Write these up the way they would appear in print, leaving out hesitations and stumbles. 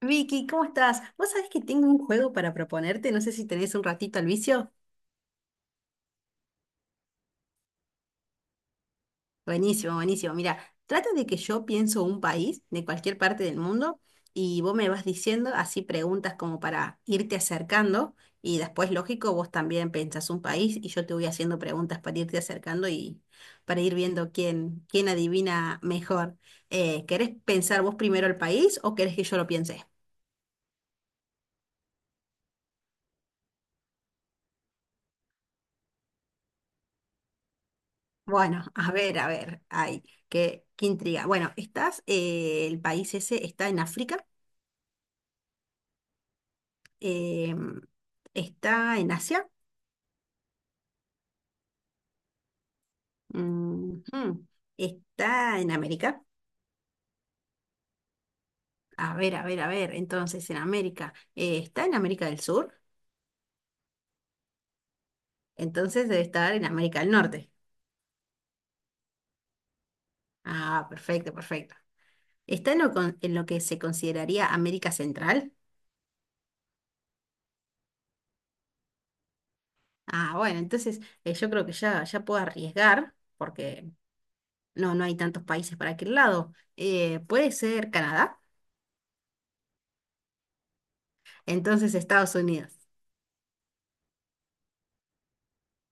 Vicky, ¿cómo estás? Vos sabés que tengo un juego para proponerte, no sé si tenés un ratito al vicio. Buenísimo, buenísimo. Mira, trata de que yo pienso un país de cualquier parte del mundo y vos me vas diciendo así preguntas como para irte acercando y después, lógico, vos también pensás un país y yo te voy haciendo preguntas para irte acercando y para ir viendo quién adivina mejor. ¿Querés pensar vos primero el país o querés que yo lo piense? Bueno, a ver, ay, qué intriga. Bueno, estás, el país ese está en África. em, ¿Está en Asia? Ujú, está en América. A ver, a ver, a ver, entonces en América, ¿está en América del Sur? Entonces debe estar en América del Norte. Ah, perfecto, perfecto. ¿Está en lo, en lo que se consideraría América Central? Ah, bueno, entonces yo creo que ya puedo arriesgar, porque no, no hay tantos países para aquel lado. ¿Puede ser Canadá? Entonces Estados Unidos.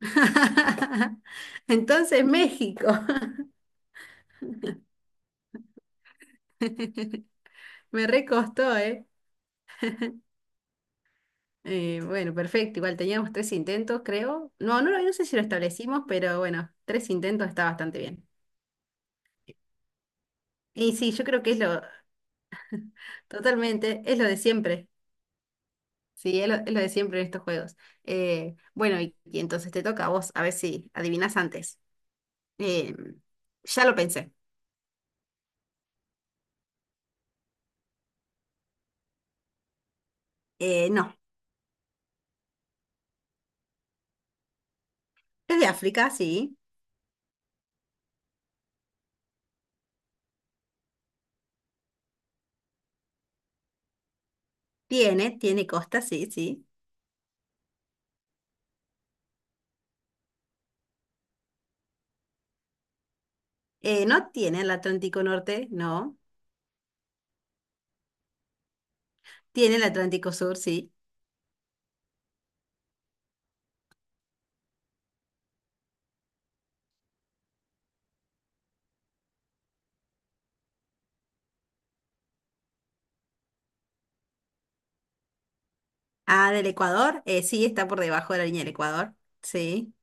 Entonces México. Me recostó, ¿eh? Bueno, perfecto. Igual teníamos tres intentos, creo. No, no, no sé si lo establecimos, pero bueno, tres intentos está bastante bien. Y sí, yo creo que es lo totalmente, es lo de siempre. Sí, es lo de siempre en estos juegos. Bueno, y entonces te toca a vos, a ver si adivinás antes. Em, ya lo pensé. No. Es de África, sí. Tiene costa, sí, sí. No tiene el Atlántico Norte, no. Tiene el Atlántico Sur, sí. Ah, del Ecuador, sí, está por debajo de la línea del Ecuador. Sí,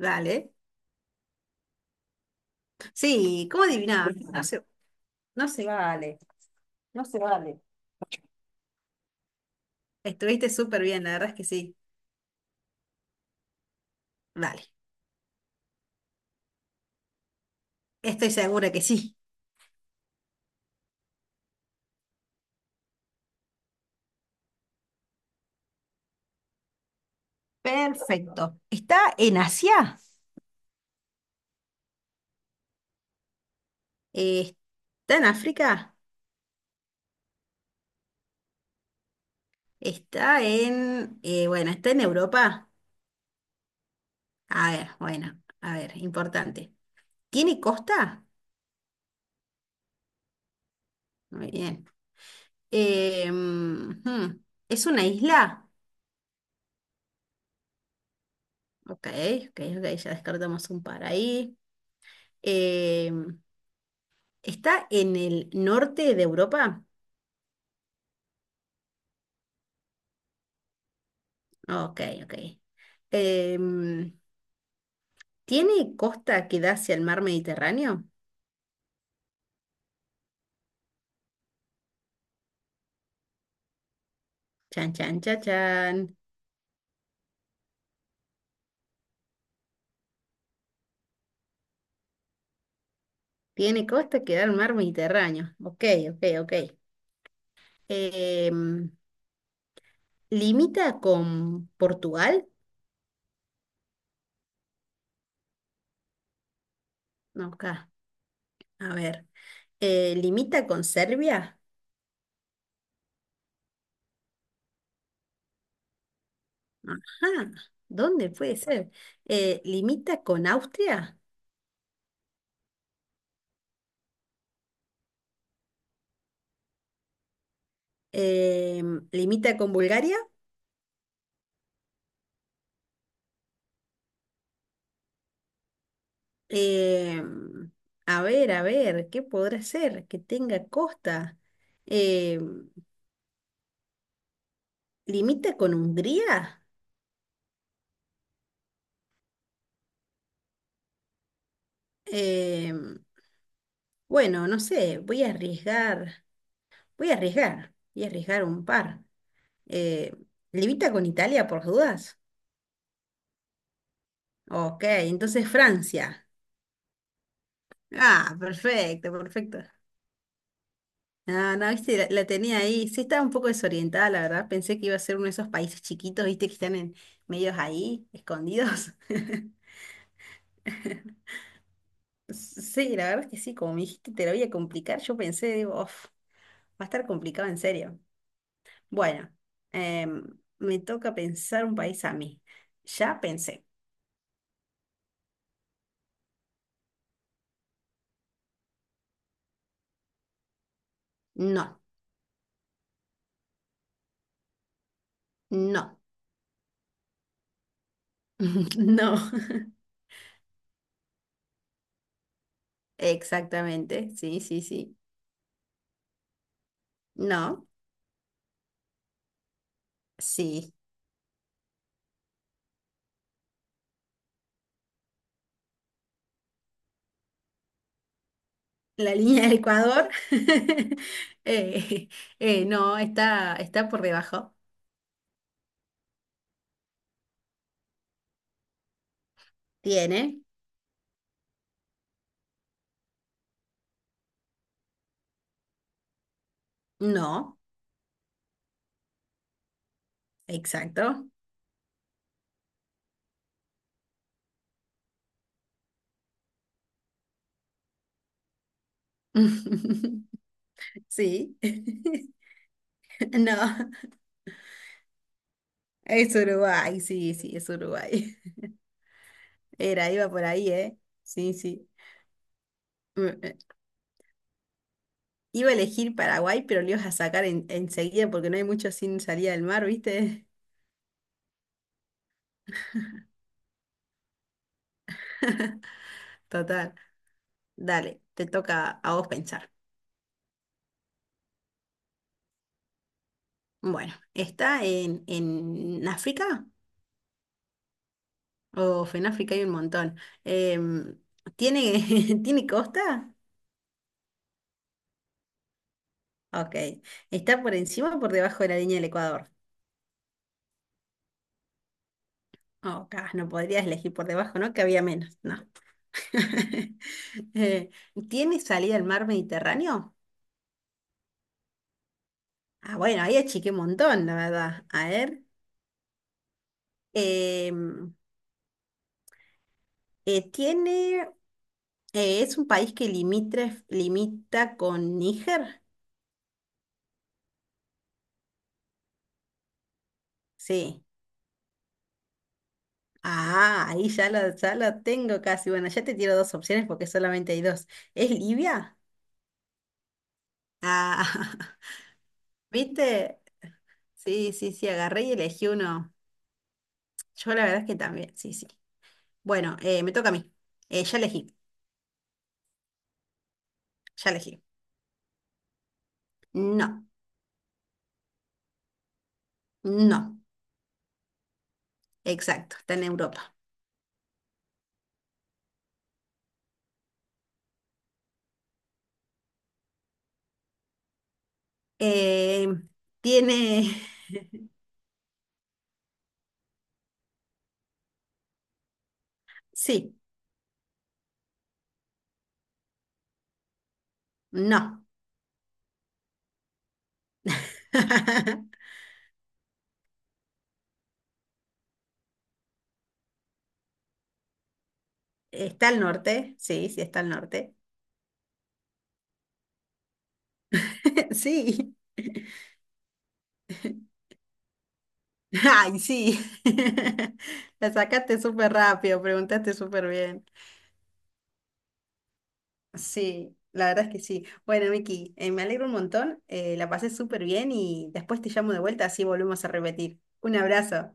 dale. Sí, ¿cómo adivinaba? No se vale, no se vale. Estuviste súper bien, la verdad es que sí. Vale, estoy segura que sí. Perfecto. ¿Está en Asia? Eh, ¿Está en África? ¿Está en... bueno, está en Europa? A ver, bueno, a ver, importante. ¿Tiene costa? Muy bien. Eh, mm, hmm, ¿Es una isla? Ok, ok, ok, ya descartamos un par ahí. Eh, ¿Está en el norte de Europa? Ok, ok. Eh, mm, ¿Tiene costa que da hacia el mar Mediterráneo? Chan, chan, chan, chan. Tiene costa que da al mar Mediterráneo. Ok, ok, ok. Eh, mm, ¿Limita con Portugal? Ok. A ver, ¿limita con Serbia? Ajá, ¿dónde puede ser? ¿Limita con Austria? ¿Limita con Bulgaria? Em, a ver, ¿qué podrá ser? Que tenga costa. Em, ¿Limita con Hungría? Em, bueno, no sé, voy a arriesgar, voy a arriesgar un par. Eh, ¿Limita con Italia por dudas? Ok, entonces Francia. Ah, perfecto, perfecto. Ah, no, viste, la tenía ahí. Sí, estaba un poco desorientada, la verdad. Pensé que iba a ser uno de esos países chiquitos, viste, que están en medios ahí, escondidos. Sí, la verdad es que sí, como me dijiste, te lo voy a complicar. Yo pensé, digo, "Uf, va a estar complicado en serio." Bueno, em, me toca pensar un país a mí. Ya pensé. No, no, no. Exactamente. Sí, sí, sí. No, sí, la línea del Ecuador, eh, no, está por debajo. ¿Tiene? No, exacto. Sí, no, es Uruguay, sí, sí, es Uruguay. Era, iba por ahí, ¿eh? Sí, sí. Mm, eh, iba a elegir Paraguay, pero lo ibas a sacar enseguida porque no hay mucho sin salida del mar, ¿viste? Total. Dale, te toca a vos pensar. Bueno, ¿está en África? Oh, en África hay un montón. Em, ¿Tiene, ¿tiene costa? Ok. ¿Está por encima o por debajo de la línea del Ecuador? Oh, no podrías elegir por debajo, ¿no? Que había menos. No. Eh, ¿tiene salida al mar Mediterráneo? Ah, bueno, ahí achiqué un montón, la verdad. A ver. em, ¿Tiene, es un país que limita con Níger? Sí. Ah, ahí ya lo tengo casi. Bueno, ya te tiro dos opciones porque solamente hay dos. ¿Es Libia? Ah, ¿viste? Sí, sí, sí, agarré y elegí uno. Yo la verdad es que también, sí, sí. Bueno, me toca a mí. Ya elegí, ya elegí. No, no, exacto, está en Europa. Eh, tiene, sí, no. ¿Está al norte? Sí, sí, está al norte. Sí. Ay, sí. La sacaste súper rápido, preguntaste súper bien. Sí, la verdad es que sí. Bueno, Miki, me alegro un montón. La pasé súper bien y después te llamo de vuelta, así volvemos a repetir. Un abrazo.